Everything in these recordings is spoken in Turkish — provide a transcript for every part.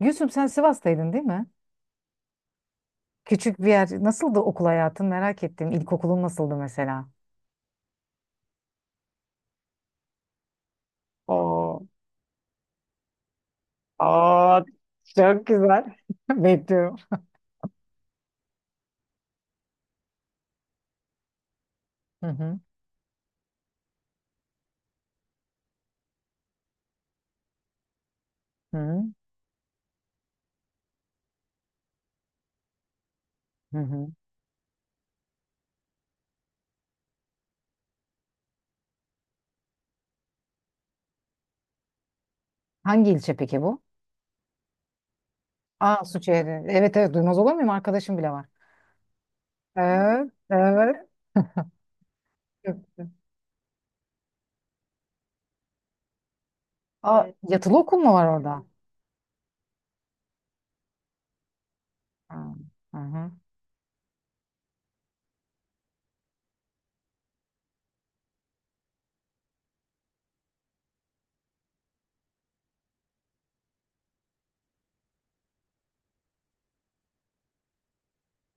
Gülsüm sen Sivas'taydın değil mi? Küçük bir yer. Nasıldı okul hayatın? Merak ettim. İlkokulun nasıldı mesela? Oo, aa, çok güzel. Bekliyorum. Hı hı. Hı hı. Hı hı. Hangi ilçe peki bu? Aa, Suçiğeri. Evet, evet, duymaz olur muyum? Arkadaşım bile var. Evet, evet. Çok güzel. Aa, evet. Yatılı okul mu var orada? Ha. Hı hı.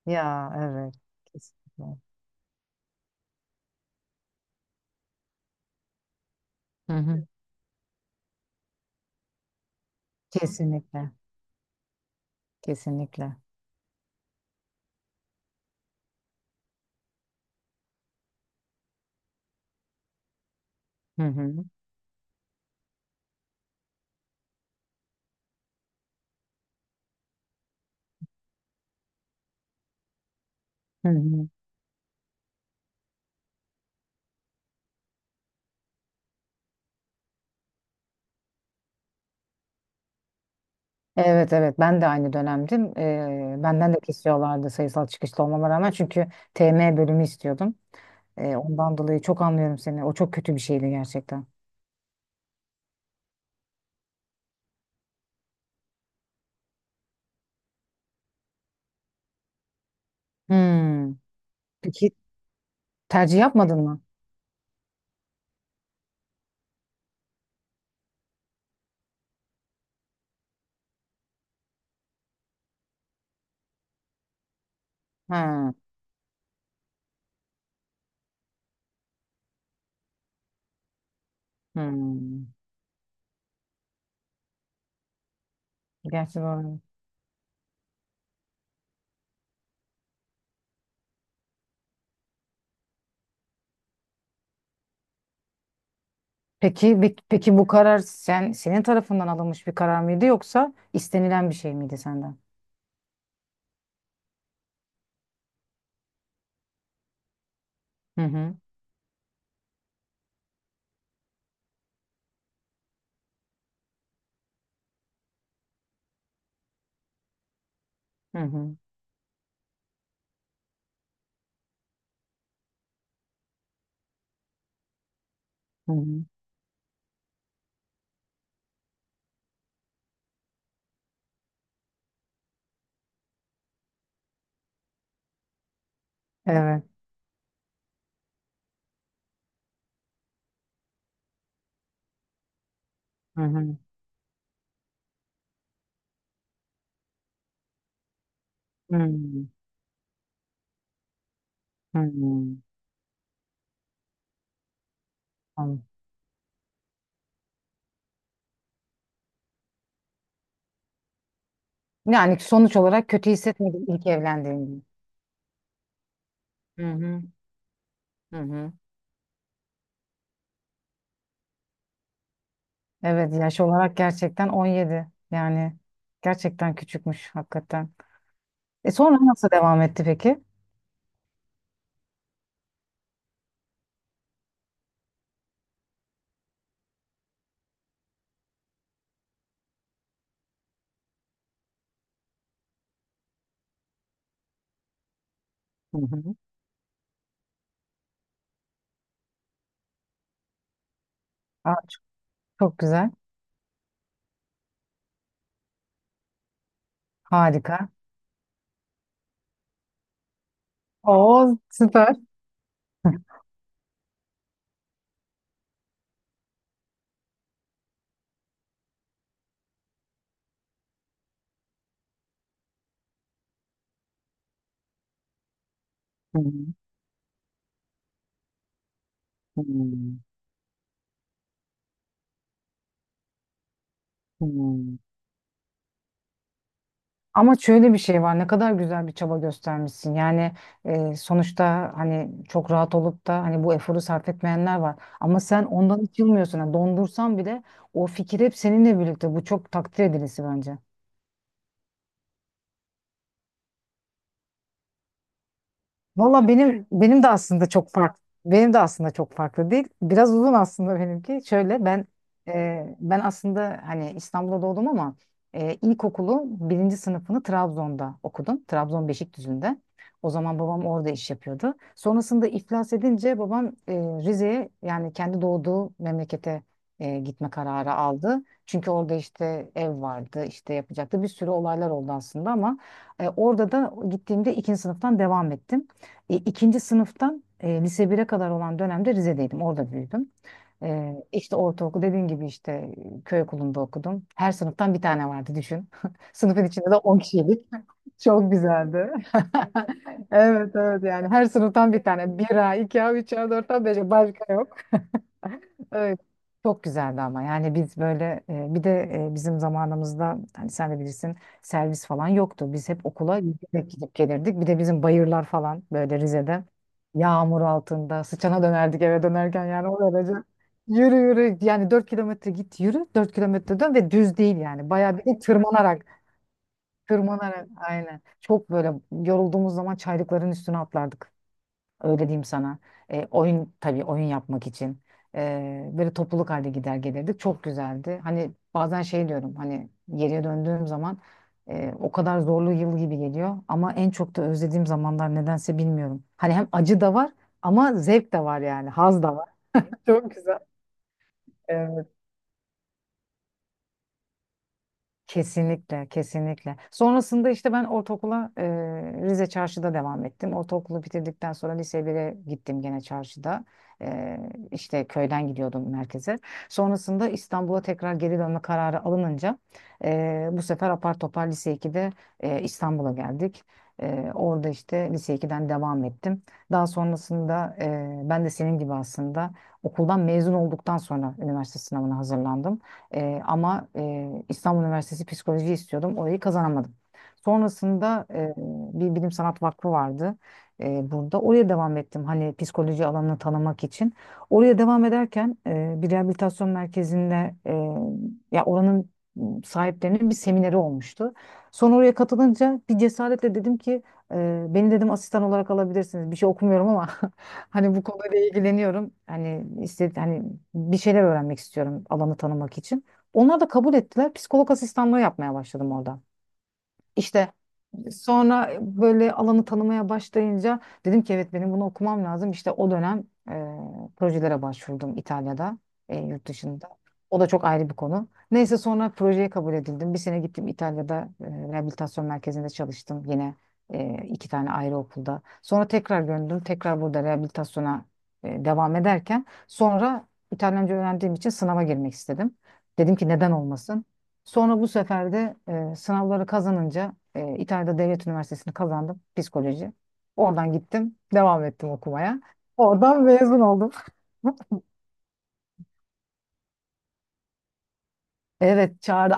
Ya, evet. Kesinlikle. Hı hı. Kesinlikle. Kesinlikle. Hı hı. Hı hı. Evet, evet, ben de aynı dönemdim. Benden de kesiyorlardı sayısal çıkışlı olmama rağmen çünkü TM bölümü istiyordum. Ondan dolayı çok anlıyorum seni. O çok kötü bir şeydi gerçekten. Hmm. Peki tercih yapmadın mı? Ha. Hmm. Gerçi doğru. Peki bu karar senin tarafından alınmış bir karar mıydı yoksa istenilen bir şey miydi senden? Hı hı. Hı hı. Hı hı. Evet. Hı hı. Hı hı. Hı hı. Yani sonuç olarak kötü hissetmedim ilk evlendiğimde. Hı hı. Hı hı. Evet, yaş olarak gerçekten 17. Yani gerçekten küçükmüş hakikaten. Sonra nasıl devam etti peki? Hı hı. Aa, çok güzel. Harika. Oo, süper. Hı hı. Hı hı. Ama şöyle bir şey var. Ne kadar güzel bir çaba göstermişsin. Yani sonuçta hani çok rahat olup da hani bu eforu sarf etmeyenler var. Ama sen ondan hiç yılmıyorsun. Yani dondursan bile o fikir hep seninle birlikte. Bu çok takdir edilisi bence. Valla benim de aslında çok farklı. Benim de aslında çok farklı değil. Biraz uzun aslında benimki. Şöyle, ben aslında hani İstanbul'da doğdum ama ilkokulu birinci sınıfını Trabzon'da okudum. Trabzon Beşikdüzü'nde. O zaman babam orada iş yapıyordu. Sonrasında iflas edince babam Rize'ye, yani kendi doğduğu memlekete gitme kararı aldı. Çünkü orada işte ev vardı, işte yapacaktı. Bir sürü olaylar oldu aslında ama orada da gittiğimde ikinci sınıftan devam ettim. İkinci sınıftan lise 1'e kadar olan dönemde Rize'deydim. Orada büyüdüm. İşte ortaokul dediğin gibi işte köy okulunda okudum. Her sınıftan bir tane vardı düşün. Sınıfın içinde de 10 kişiydik. Çok güzeldi. Evet, evet, yani her sınıftan bir tane. Bir, a 2A, 3A, 4A, 5A başka yok. Evet. Çok güzeldi ama yani biz böyle bir de bizim zamanımızda hani sen de bilirsin, servis falan yoktu. Biz hep okula yürüyerek gidip gelirdik. Bir de bizim bayırlar falan böyle Rize'de yağmur altında sıçana dönerdik eve dönerken, yani o derece. Yürü yürü, yani 4 kilometre git, yürü 4 kilometre dön ve düz değil, yani bayağı bir de tırmanarak tırmanarak, aynen. Çok böyle yorulduğumuz zaman çaylıkların üstüne atlardık. Öyle diyeyim sana. Oyun, tabii oyun yapmak için. Böyle topluluk halde gider gelirdik. Çok güzeldi. Hani bazen şey diyorum, hani geriye döndüğüm zaman o kadar zorlu yıl gibi geliyor. Ama en çok da özlediğim zamanlar, nedense bilmiyorum. Hani hem acı da var ama zevk de var yani. Haz da var. Çok güzel. Evet. Kesinlikle, kesinlikle. Sonrasında işte ben ortaokula Rize Çarşı'da devam ettim. Ortaokulu bitirdikten sonra lise 1'e gittim gene çarşıda. E, işte köyden gidiyordum merkeze. Sonrasında İstanbul'a tekrar geri dönme kararı alınınca bu sefer apar topar lise 2'de İstanbul'a geldik. Orada işte lise 2'den devam ettim. Daha sonrasında ben de senin gibi aslında okuldan mezun olduktan sonra üniversite sınavına hazırlandım. Ama İstanbul Üniversitesi psikoloji istiyordum. Orayı kazanamadım. Sonrasında bir bilim sanat vakfı vardı burada. Oraya devam ettim, hani psikoloji alanını tanımak için. Oraya devam ederken bir rehabilitasyon merkezinde ya oranın sahiplerinin bir semineri olmuştu. Sonra oraya katılınca bir cesaretle dedim ki beni, dedim, asistan olarak alabilirsiniz. Bir şey okumuyorum ama hani bu konuyla ilgileniyorum. Hani istedi hani bir şeyler öğrenmek istiyorum, alanı tanımak için. Onlar da kabul ettiler. Psikolog asistanlığı yapmaya başladım orada. İşte sonra böyle alanı tanımaya başlayınca dedim ki evet, benim bunu okumam lazım. İşte o dönem projelere başvurdum İtalya'da, yurt dışında. O da çok ayrı bir konu. Neyse, sonra projeye kabul edildim. Bir sene gittim İtalya'da, rehabilitasyon merkezinde çalıştım. Yine 2 tane ayrı okulda. Sonra tekrar döndüm. Tekrar burada rehabilitasyona devam ederken sonra İtalyanca öğrendiğim için sınava girmek istedim. Dedim ki neden olmasın? Sonra bu sefer de sınavları kazanınca İtalya'da Devlet Üniversitesi'ni kazandım, psikoloji. Oradan gittim, devam ettim okumaya. Oradan mezun oldum. Evet, çağrı.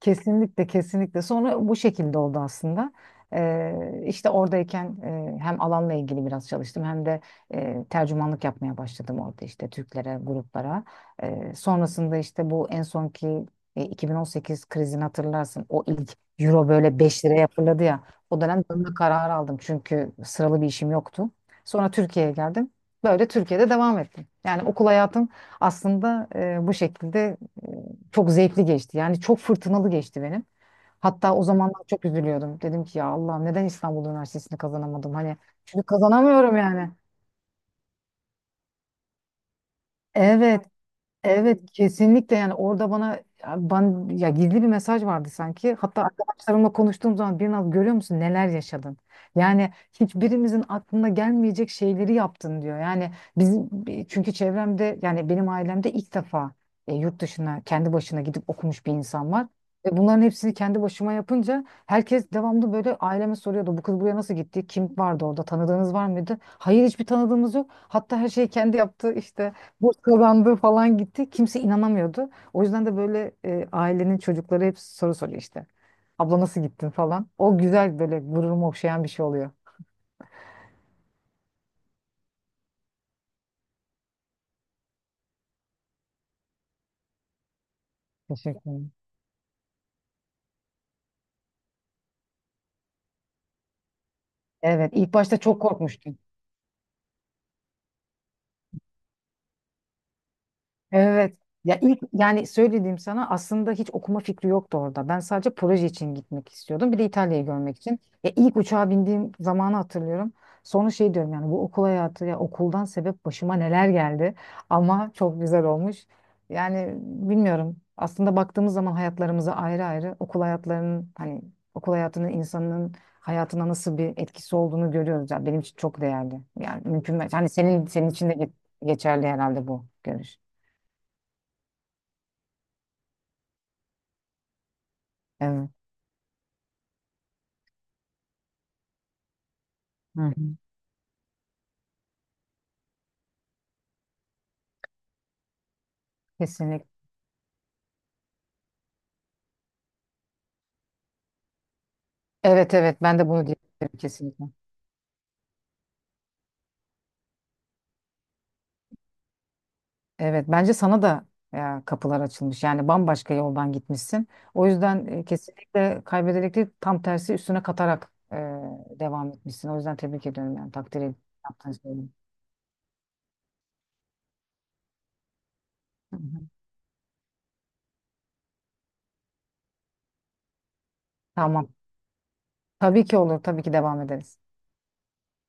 Kesinlikle, kesinlikle, sonra bu şekilde oldu aslında. İşte oradayken hem alanla ilgili biraz çalıştım hem de tercümanlık yapmaya başladım orada, işte Türklere, gruplara. Sonrasında işte bu en sonki 2018 krizini hatırlarsın, o ilk euro böyle 5 liraya fırladı ya, o dönem dönme kararı aldım çünkü sıralı bir işim yoktu. Sonra Türkiye'ye geldim, böyle Türkiye'de devam ettim. Yani okul hayatım aslında bu şekilde çok zevkli geçti. Yani çok fırtınalı geçti benim. Hatta o zamanlar çok üzülüyordum. Dedim ki ya Allah'ım, neden İstanbul Üniversitesi'ni kazanamadım? Hani çünkü kazanamıyorum yani. Evet. Evet, kesinlikle, yani orada bana ya ben, ya gizli bir mesaj vardı sanki. Hatta arkadaşlarımla konuştuğum zaman, bir naz, görüyor musun neler yaşadın? Yani hiçbirimizin aklına gelmeyecek şeyleri yaptın, diyor. Yani bizim, çünkü çevremde, yani benim ailemde ilk defa yurt dışına kendi başına gidip okumuş bir insan var. Ve bunların hepsini kendi başıma yapınca herkes devamlı böyle aileme soruyordu. Bu kız buraya nasıl gitti? Kim vardı orada? Tanıdığınız var mıydı? Hayır, hiçbir tanıdığımız yok. Hatta her şeyi kendi yaptı, işte burs kazandı falan gitti. Kimse inanamıyordu. O yüzden de böyle ailenin çocukları hep soru soruyor işte. Abla nasıl gittin falan. O güzel böyle, gururumu okşayan bir şey oluyor. Teşekkür ederim. Evet, ilk başta çok korkmuştum. Evet. Ya ilk, yani söylediğim sana, aslında hiç okuma fikri yoktu orada. Ben sadece proje için gitmek istiyordum. Bir de İtalya'yı görmek için. Ya ilk uçağa bindiğim zamanı hatırlıyorum. Sonra şey diyorum, yani bu okul hayatı, ya okuldan sebep başıma neler geldi. Ama çok güzel olmuş. Yani bilmiyorum. Aslında baktığımız zaman hayatlarımıza ayrı ayrı, okul hayatlarının, hani okul hayatının insanın hayatına nasıl bir etkisi olduğunu görüyoruz. Yani benim için çok değerli. Yani mümkün. Hani senin için de geçerli herhalde bu görüş. Evet. Hı hı. Kesinlikle. Evet, evet, ben de bunu diyebilirim kesinlikle. Evet, bence sana da ya, kapılar açılmış. Yani bambaşka yoldan gitmişsin. O yüzden kesinlikle kaybederek değil, tam tersi üstüne katarak devam etmişsin. O yüzden tebrik ediyorum, yani takdir ediyorum yaptığın şeyi. Hı hı. Tamam. Tabii ki olur. Tabii ki devam ederiz.